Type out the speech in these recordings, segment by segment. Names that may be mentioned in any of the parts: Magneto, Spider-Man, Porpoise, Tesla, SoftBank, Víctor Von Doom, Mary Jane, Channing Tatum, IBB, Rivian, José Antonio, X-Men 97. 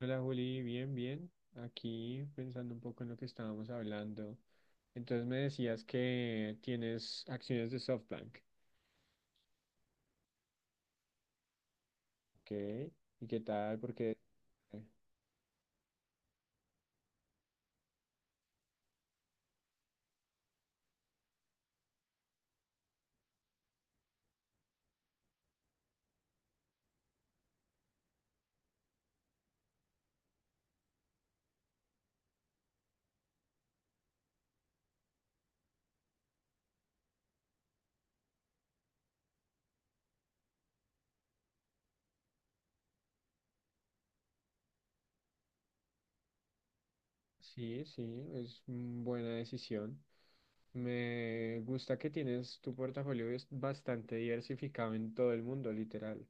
Hola Juli, bien, bien. Aquí pensando un poco en lo que estábamos hablando. Entonces me decías que tienes acciones de SoftBank. Ok. ¿Y qué tal? Porque eh, sí, sí, es buena decisión. Me gusta que tienes tu portafolio es bastante diversificado en todo el mundo, literal.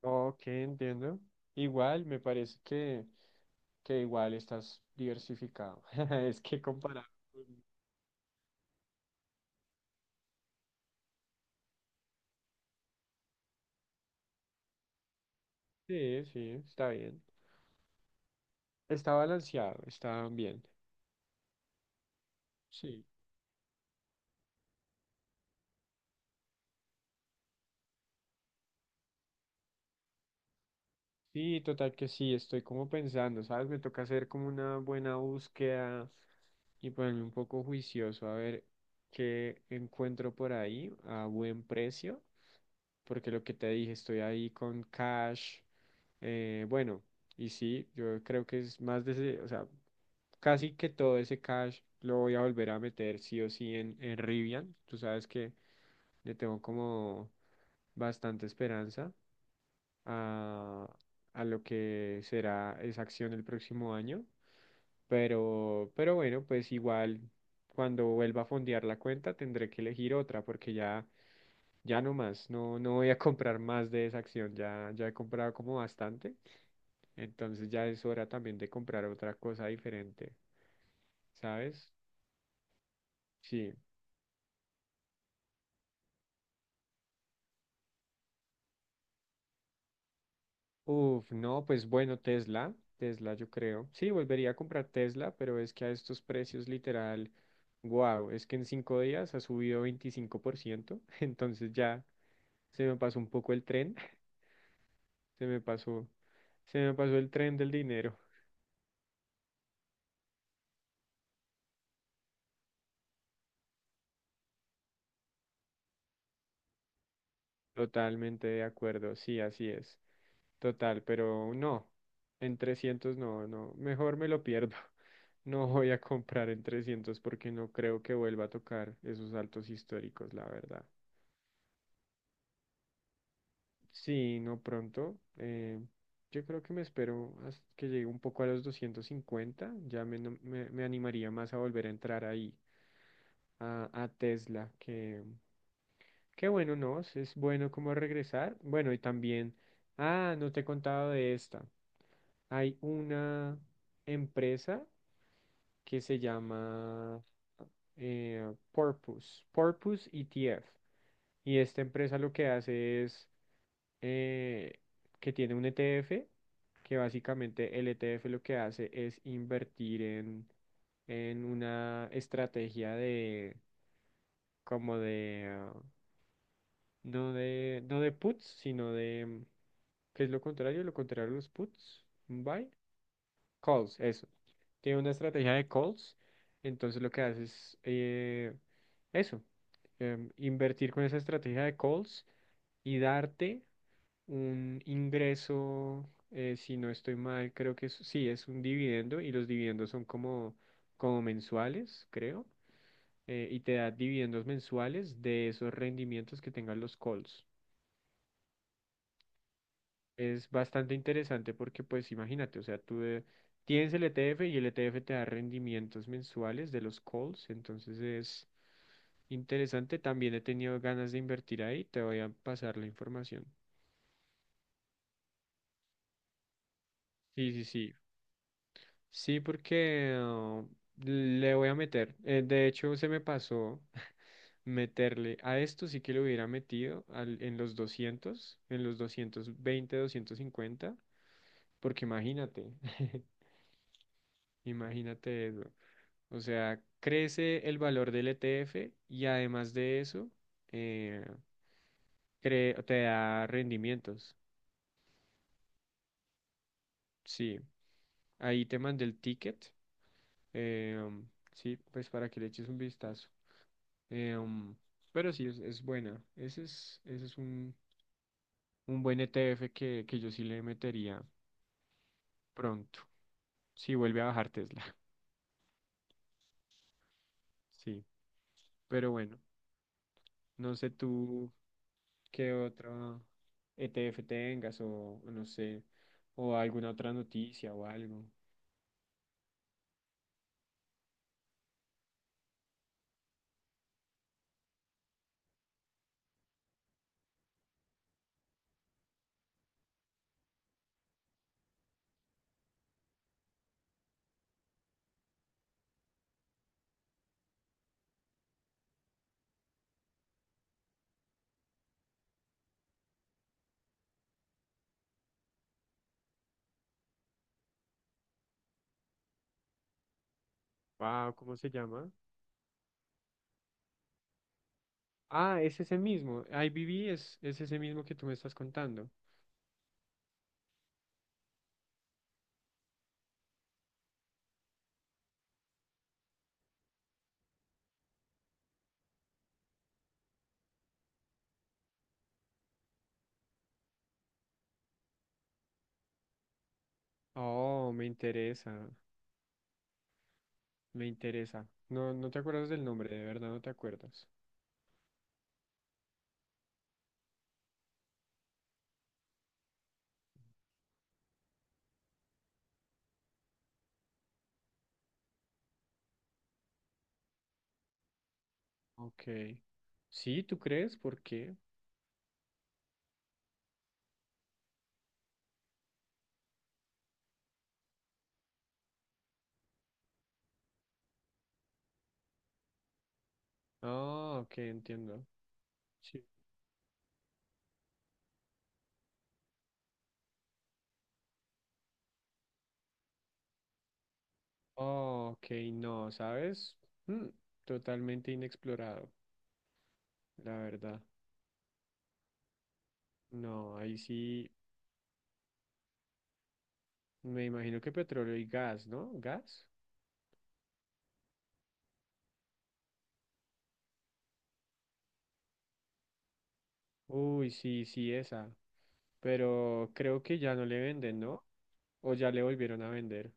Ok, entiendo. Igual, me parece que igual estás diversificado. Es que comparado. Sí, sí, está bien. Está balanceado, está bien. Sí. Sí, total que sí, estoy como pensando, ¿sabes? Me toca hacer como una buena búsqueda y ponerme un poco juicioso a ver qué encuentro por ahí a buen precio, porque lo que te dije, estoy ahí con cash. Bueno, y sí, yo creo que es más de ese, o sea, casi que todo ese cash lo voy a volver a meter sí o sí en Rivian. Tú sabes que le tengo como bastante esperanza. a, a lo que será esa acción el próximo año. Pero bueno, pues igual cuando vuelva a fondear la cuenta tendré que elegir otra porque ya, ya no más, no, no voy a comprar más de esa acción, ya, ya he comprado como bastante, entonces ya es hora también de comprar otra cosa diferente, ¿sabes? Sí. Uf, no, pues bueno, Tesla, Tesla yo creo. Sí, volvería a comprar Tesla, pero es que a estos precios literal, wow, es que en 5 días ha subido 25%, entonces ya se me pasó un poco el tren, se me pasó, se me pasó el tren del dinero. Totalmente de acuerdo, sí, así es. Total, pero no, en 300 no, no, mejor me lo pierdo. No voy a comprar en 300 porque no creo que vuelva a tocar esos altos históricos, la verdad. Sí, no pronto. Yo creo que me espero hasta que llegue un poco a los 250. Ya me, no- me animaría más a volver a entrar ahí, a Tesla, que bueno, no, es bueno como regresar. Bueno, y también, ah, no te he contado de esta. Hay una empresa que se llama Porpoise, Porpoise ETF. Y esta empresa lo que hace es eh, que tiene un ETF, que básicamente el ETF lo que hace es invertir en una estrategia de, como de, no no de puts, sino de, ¿qué es lo contrario? Lo contrario a los puts, buy, calls, eso. Tiene una estrategia de calls, entonces lo que hace es eso, invertir con esa estrategia de calls y darte un ingreso, si no estoy mal, creo que sí, es un dividendo y los dividendos son como, como mensuales, creo, y te da dividendos mensuales de esos rendimientos que tengan los calls. Es bastante interesante porque, pues, imagínate, o sea, tú tienes el ETF y el ETF te da rendimientos mensuales de los calls, entonces es interesante. También he tenido ganas de invertir ahí, te voy a pasar la información. Sí, sí, sí. Sí, porque le voy a meter. De hecho, se me pasó meterle a esto, sí que lo hubiera metido en los 200, en los 220, 250. Porque imagínate, imagínate eso. O sea, crece el valor del ETF y además de eso, eh, te da rendimientos. Sí, ahí te mandé el ticket. eh, sí, pues para que le eches un vistazo. Em, pero sí, es buena. Ese es un buen ETF que yo sí le metería pronto. Si vuelve a bajar Tesla. Sí. Pero bueno, no sé tú qué otro ETF tengas o no sé, o alguna otra noticia o algo. Wow, ¿cómo se llama? Ah, es ese mismo. IBB es ese mismo que tú me estás contando. Oh, me interesa, me interesa. No, no te acuerdas del nombre, de verdad no te acuerdas. Ok. Sí, ¿tú crees? ¿Por qué? Ah, ok, entiendo. Sí. Oh, ok, no, ¿sabes? Mm, totalmente inexplorado, la verdad. No, ahí sí, me imagino que petróleo y gas, ¿no? ¿Gas? Uy, sí, sí, esa. Pero creo que ya no le venden, ¿no? O ya le volvieron a vender.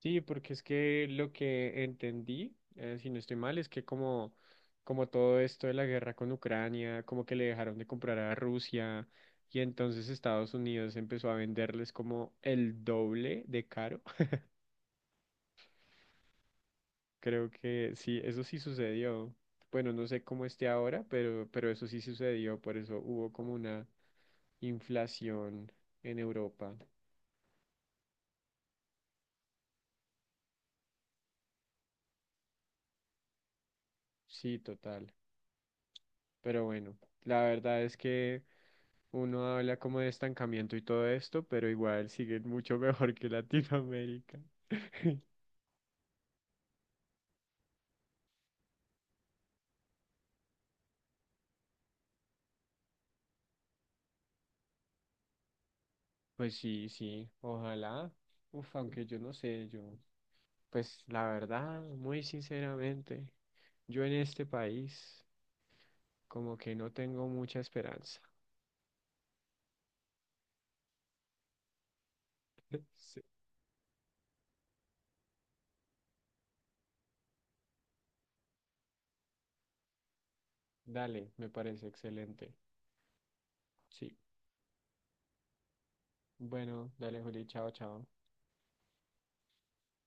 Sí, porque es que lo que entendí, si no estoy mal, es que como todo esto de la guerra con Ucrania, como que le dejaron de comprar a Rusia y entonces Estados Unidos empezó a venderles como el doble de caro. Creo que sí, eso sí sucedió. Bueno, no sé cómo esté ahora, pero eso sí sucedió, por eso hubo como una inflación en Europa. Sí, total. Pero bueno, la verdad es que... Uno habla como de estancamiento y todo esto, pero igual sigue mucho mejor que Latinoamérica. Pues sí, sí, ojalá. Uf, aunque yo no sé, yo, pues la verdad, muy sinceramente, yo en este país como que no tengo mucha esperanza. Sí. Dale, me parece excelente. Sí. Bueno, dale, Juli, chao, chao.